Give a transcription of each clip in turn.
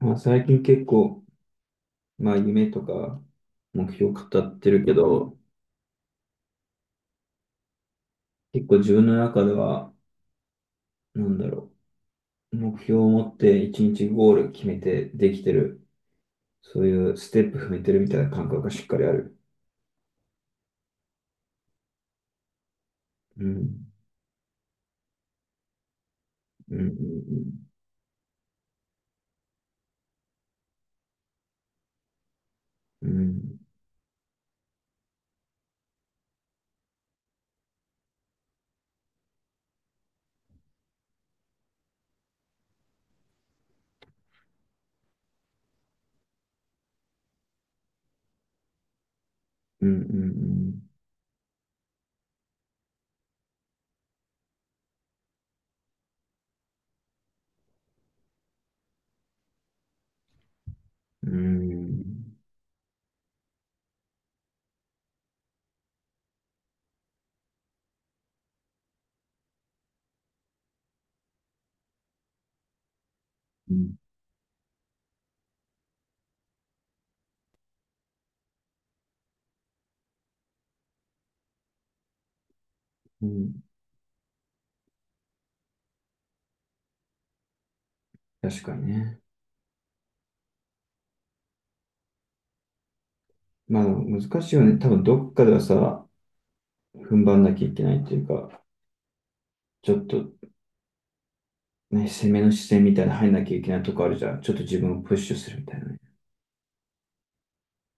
まあ、最近結構、まあ、夢とか目標語ってるけど、結構自分の中では、なんだろう、目標を持って一日ゴール決めてできてる、そういうステップ踏めてるみたいな感覚がしっかりある。うん、うん、うん、うん、うん、うん、うん、うん、うん、確かにね。まあ、難しいよね。多分どっかではさ、踏ん張んなきゃいけないっていうか、ちょっとね、攻めの視線みたいな入んなきゃいけないとこあるじゃん。ちょっと自分をプッシュするみたいなね。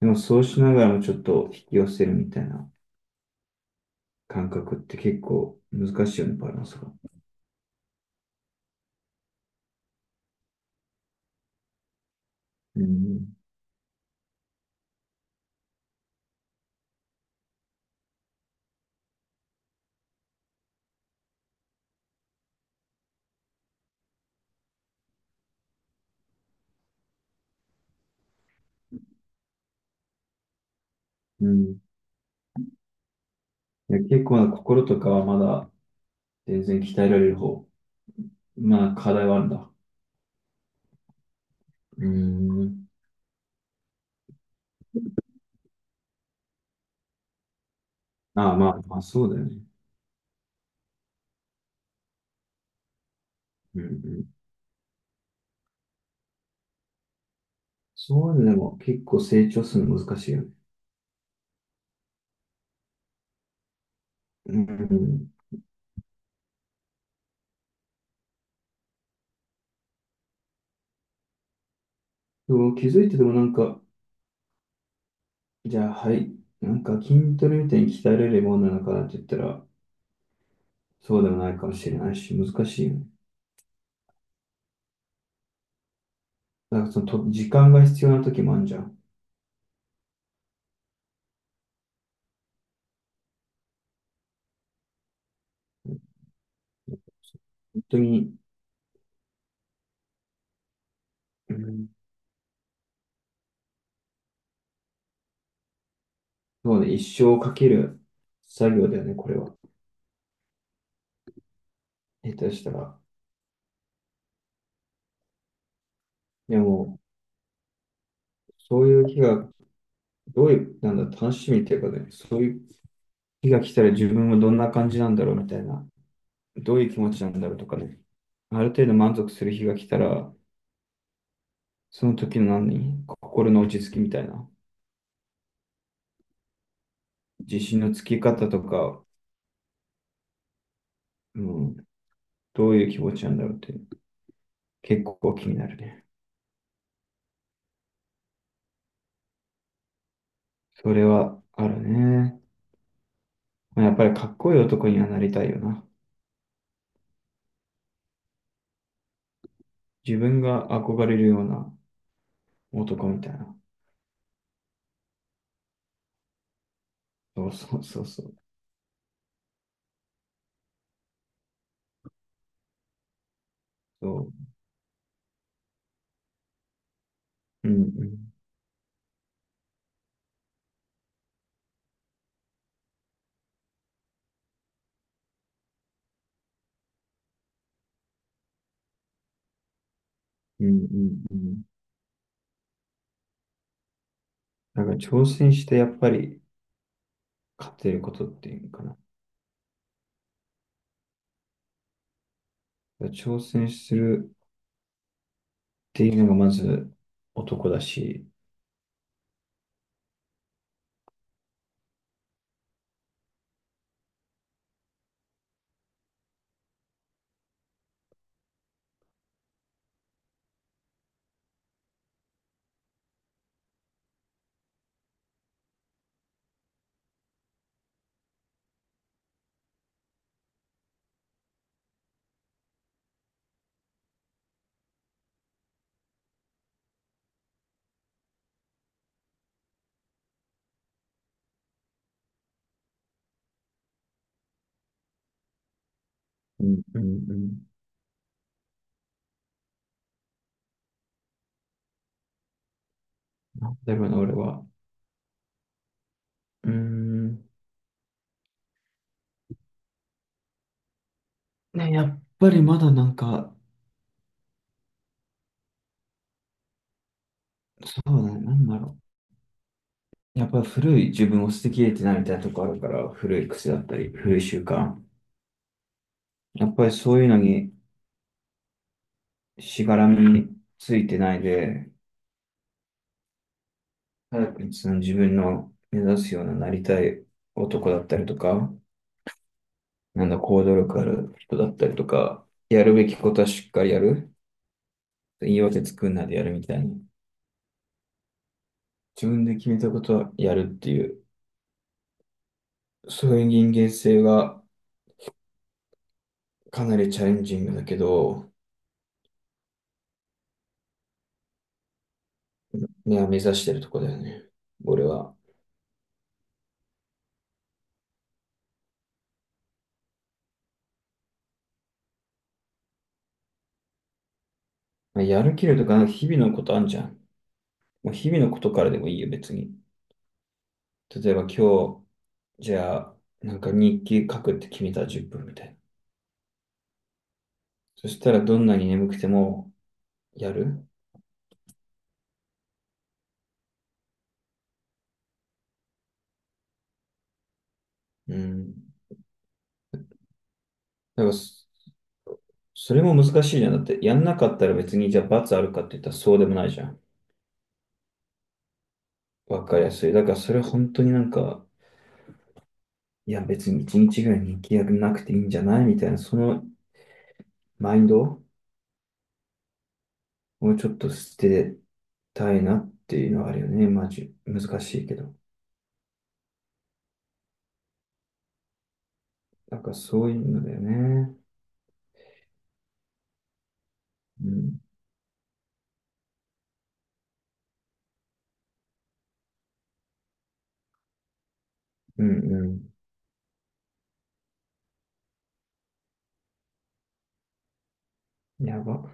でもそうしながらもちょっと引き寄せるみたいな感覚って結構難しいよね、バランスが。うん。うん。いや、結構な心とかはまだ全然鍛えられる方。まあ課題はあるんだ。うん。ああ、まあ、まあそうだよね。うんうん。そういうのでも結構成長するの難しいよね。うん。でも気づいてでもなんか、じゃあはい、なんか筋トレみたいに鍛えられるものなのかなって言ったら、そうでもないかもしれないし、難しいよね。だからそのと、時間が必要な時もあるじゃん。本当に、うん、そうね、一生をかける作業だよね、これは。下手したら。でも、そういう日が、どういう、なんだ、楽しみっていうかね、そういう日が来たら自分はどんな感じなんだろうみたいな、どういう気持ちなんだろうとかね、ある程度満足する日が来たら、その時の何、心の落ち着きみたいな、自信のつき方とか、うん、どういう気持ちなんだろうって、結構気になるね。それはあるね。まあ、やっぱりかっこいい男にはなりたいよな。自分が憧れるような男みたいな。そうそうそうそう。そう。うんうん。うんうんうん。だから挑戦してやっぱり勝てることっていうのかな。だから挑戦するっていうのがまず男だし。うんうんうん。なんだろうな、俺は。うーん。ね、やっぱりまだなんか、そうだね、なんだろう。やっぱり古い自分を捨てきれてないみたいなとこあるから、古い癖だったり、古い習慣。やっぱりそういうのにしがらみについてないで、早くその自分の目指すようななりたい男だったりとか、なんだ、行動力ある人だったりとか、やるべきことはしっかりやる。言い訳作んないでやるみたいに。自分で決めたことはやるっていう、そういう人間性がかなりチャレンジングだけど、ね目指してるとこだよね。俺は。やる気力とか、日々のことあんじゃん。もう日々のことからでもいいよ、別に。例えば今日、じゃあ、なんか日記書くって決めたら10分みたいな。そしたらどんなに眠くてもやる。うん。だからそ、それも難しいじゃん。だって、やんなかったら別にじゃあ罰あるかって言ったらそうでもないじゃん。わかりやすい。だからそれ本当になんか、いや別に1日ぐらい日記やんなくていいんじゃないみたいな、そのマインドをちょっと捨てたいなっていうのはあるよね。マジ、難しいけど。なんかそういうのだよね。うん。うんうん。やば。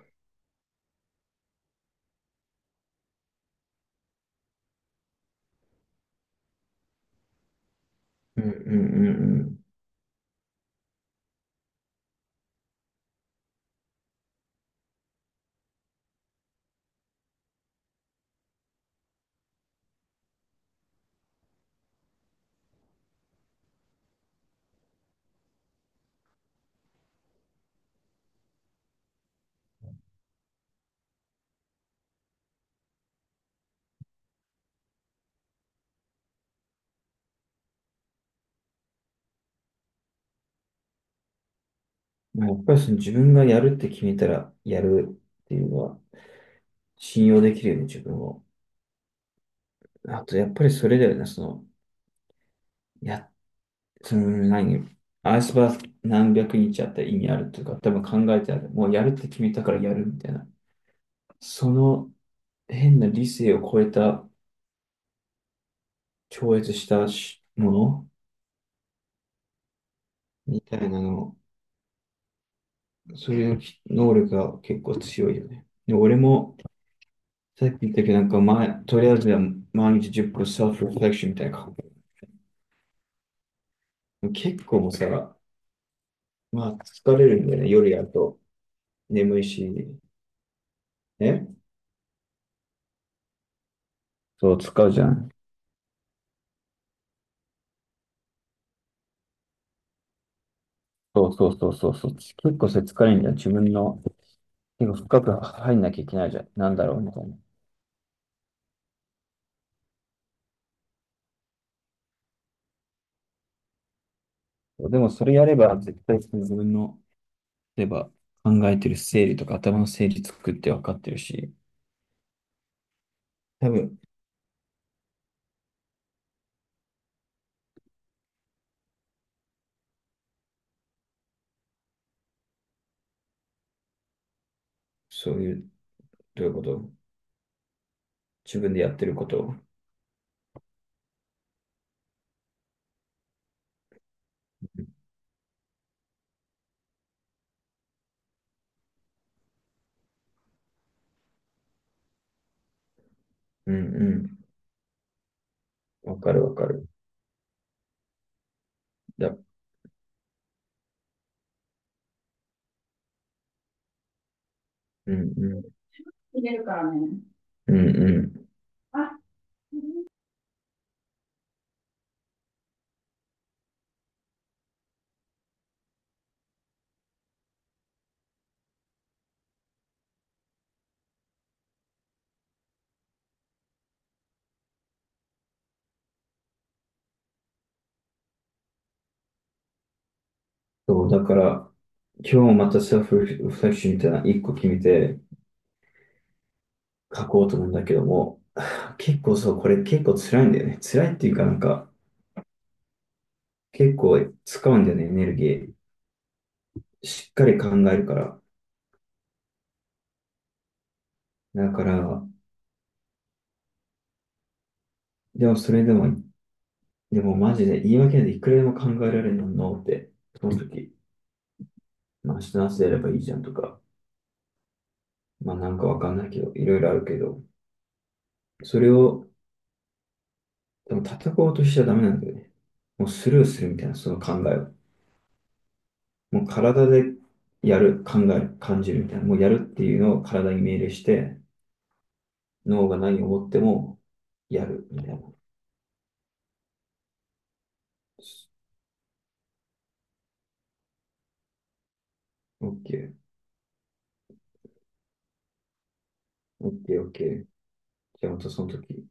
うんうんうんうん。まあやっぱりその自分がやるって決めたらやるっていうのは信用できるよね、自分を。あとやっぱりそれだよね、や、その何、アイスバー何百日あったら意味あるとか、多分考えてある。もうやるって決めたからやるみたいな。その変な理性を超えた、超越したしものみたいなの、それの能力が結構強いよね。で俺も、さっき言ったけど、なんか前、とりあえずは毎日10分セルフレフレクションみたいな。結構もさ、まあ疲れるんだよね。夜やると眠いし、ね。そう、使うじゃん。そうそうそうそうそう。結構それ疲れるんだよ。自分の、結構深く入んなきゃいけないじゃん。なんだろうみたいな。でもそれやれば、絶対その自分の、例えば考えてる整理とか頭の整理作って分かってるし、多分、そういう、どういうこと、自分でやってることを。うんうん。わかるわかる。だうんうん。入れるからね。うんうん。あ、そう、だから、今日またセルフリフレクションみたいな一個決めて書こうと思うんだけども、結構そう、これ結構辛いんだよね。辛いっていうかなんか、結構使うんだよね、エネルギー。しっかり考えるから。だから、でもそれでも、でもマジで言い訳でいくらでも考えられるのって、その時、まあ明日の朝やればいいじゃんとか、まあなんかわかんないけど、いろいろあるけど、それをでも叩こうとしちゃダメなんだよね。もうスルーするみたいな、その考えを。もう体でやる、考える、感じるみたいな。もうやるっていうのを体に命令して、脳が何を思ってもやるみたいな。OK。OK、OK。じゃあまたその時。